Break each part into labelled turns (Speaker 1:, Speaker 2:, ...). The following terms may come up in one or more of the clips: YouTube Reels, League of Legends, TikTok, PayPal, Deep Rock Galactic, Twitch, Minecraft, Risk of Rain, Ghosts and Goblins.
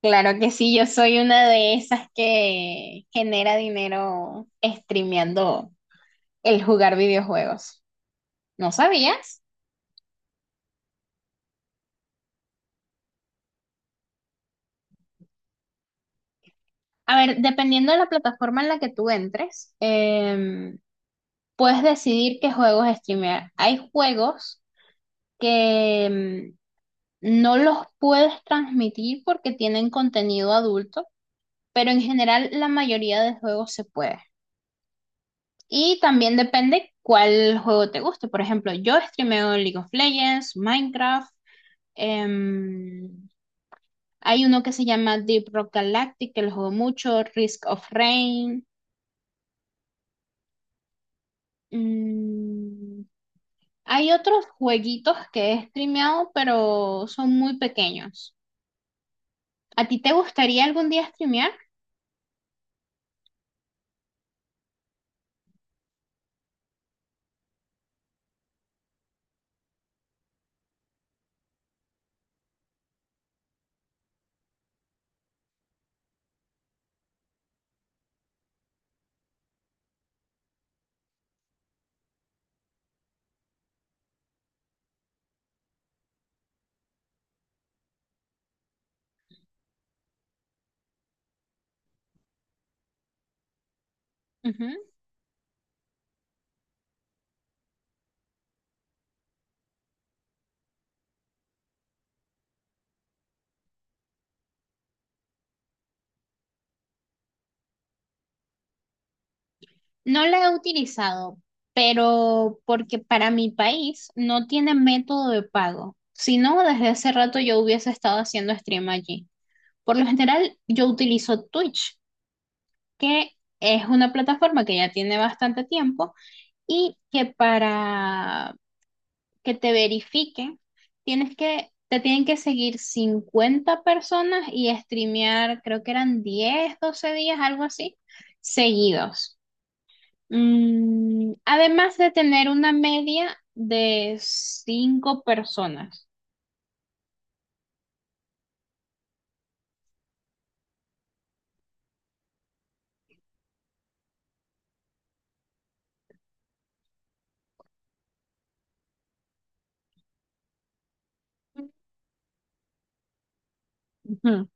Speaker 1: Claro que sí, yo soy una de esas que genera dinero streameando el jugar videojuegos. ¿No sabías? A ver, dependiendo de la plataforma en la que tú entres, puedes decidir qué juegos streamear. Hay juegos que no los puedes transmitir porque tienen contenido adulto, pero en general la mayoría de juegos se puede. Y también depende cuál juego te guste. Por ejemplo, yo streameo League of Legends, Minecraft. em, Hay uno que se llama Deep Rock Galactic, que lo juego mucho, Risk of Rain. mm, Hay otros jueguitos que he streameado, pero son muy pequeños. ¿A ti te gustaría algún día streamear? No la he utilizado, pero porque para mi país no tiene método de pago. Si no, desde hace rato yo hubiese estado haciendo stream allí. Por lo general, yo utilizo Twitch, que es una plataforma que ya tiene bastante tiempo y que para que te verifiquen, te tienen que seguir 50 personas y streamear, creo que eran 10 12 días, algo así, seguidos. Además de tener una media de 5 personas. Ujú.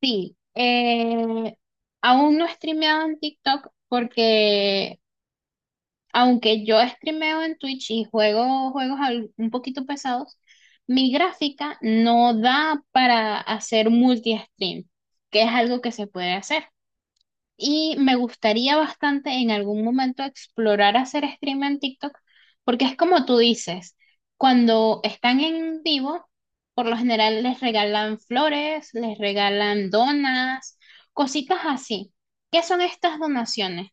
Speaker 1: Sí, aún no he streameado en TikTok porque aunque yo streameo en Twitch y juego juegos un poquito pesados, mi gráfica no da para hacer multi-stream, que es algo que se puede hacer. Y me gustaría bastante en algún momento explorar hacer stream en TikTok, porque es como tú dices, cuando están en vivo, por lo general les regalan flores, les regalan donas, cositas así. ¿Qué son estas donaciones?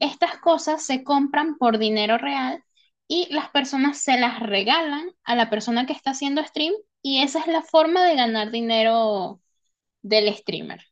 Speaker 1: Estas cosas se compran por dinero real y las personas se las regalan a la persona que está haciendo stream, y esa es la forma de ganar dinero del streamer.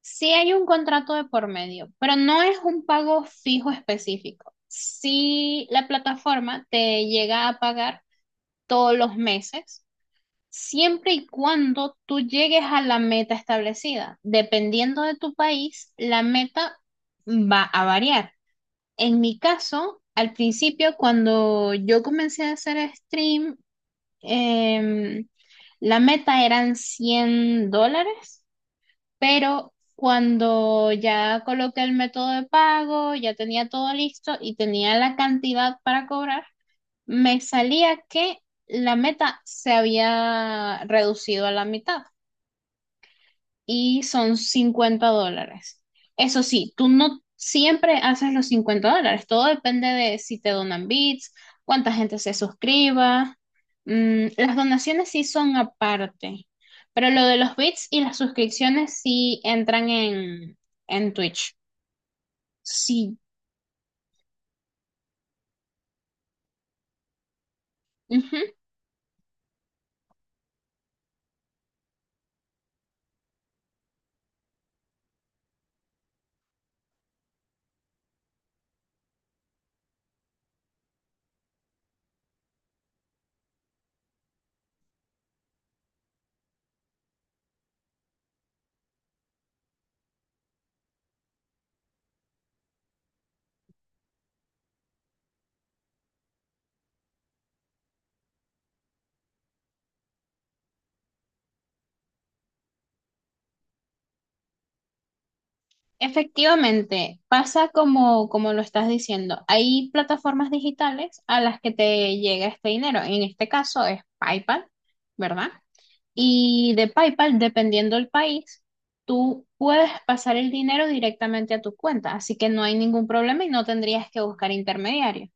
Speaker 1: Sí hay un contrato de por medio, pero no es un pago fijo específico. Si la plataforma te llega a pagar todos los meses, siempre y cuando tú llegues a la meta establecida. Dependiendo de tu país, la meta va a variar. En mi caso, al principio, cuando yo comencé a hacer stream, em, la meta eran $100, pero cuando ya coloqué el método de pago, ya tenía todo listo y tenía la cantidad para cobrar, me salía que la meta se había reducido a la mitad y son $50. Eso sí, tú no siempre haces los $50, todo depende de si te donan bits, cuánta gente se suscriba. Las donaciones sí son aparte, pero lo de los bits y las suscripciones sí entran en Twitch. Sí. Ujú. Efectivamente, pasa como lo estás diciendo. Hay plataformas digitales a las que te llega este dinero. En este caso es PayPal, ¿verdad? Y de PayPal, dependiendo del país, tú puedes pasar el dinero directamente a tu cuenta. Así que no hay ningún problema y no tendrías que buscar intermediarios.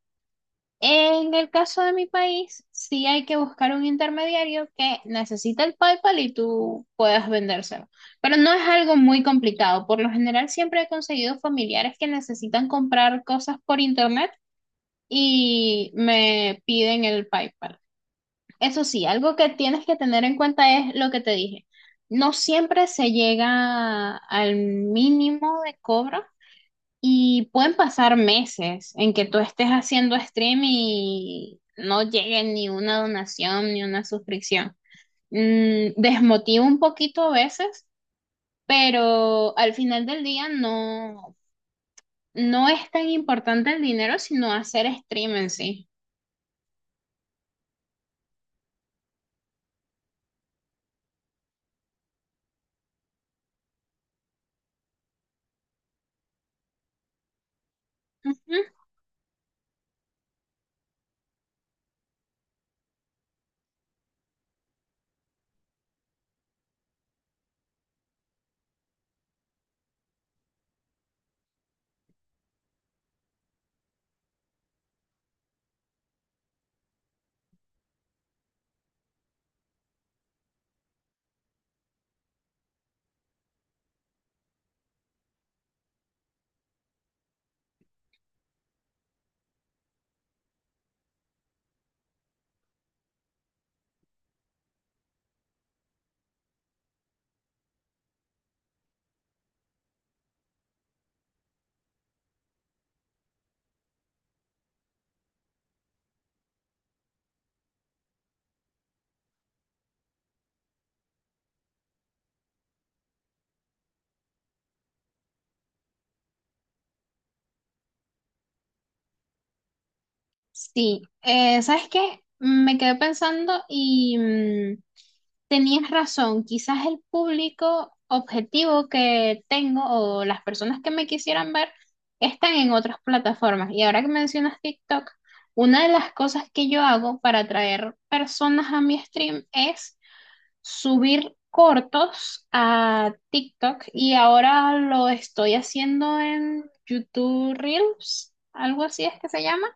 Speaker 1: En el caso de mi país, sí hay que buscar un intermediario que necesita el PayPal y tú puedas vendérselo. Pero no es algo muy complicado. Por lo general, siempre he conseguido familiares que necesitan comprar cosas por internet y me piden el PayPal. Eso sí, algo que tienes que tener en cuenta es lo que te dije. No siempre se llega al mínimo de cobro y pueden pasar meses en que tú estés haciendo stream y no llegue ni una donación ni una suscripción. Desmotiva un poquito a veces, pero al final del día no, no es tan importante el dinero, sino hacer stream en sí. Ujú. Sí, ¿sabes qué? Me quedé pensando y tenías razón, quizás el público objetivo que tengo o las personas que me quisieran ver están en otras plataformas. Y ahora que mencionas TikTok, una de las cosas que yo hago para atraer personas a mi stream es subir cortos a TikTok, y ahora lo estoy haciendo en YouTube Reels, algo así es que se llama.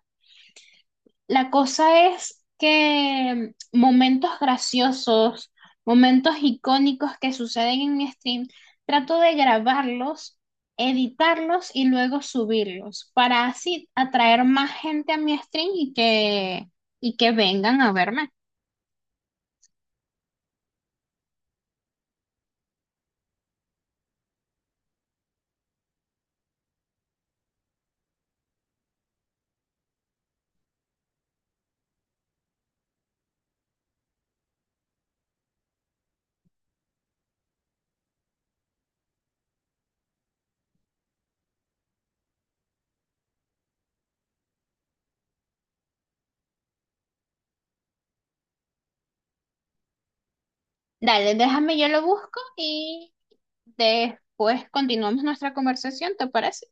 Speaker 1: La cosa es que momentos graciosos, momentos icónicos que suceden en mi stream, trato de grabarlos, editarlos y luego subirlos para así atraer más gente a mi stream y que vengan a verme. Dale, déjame, yo lo busco y después continuamos nuestra conversación, ¿te parece?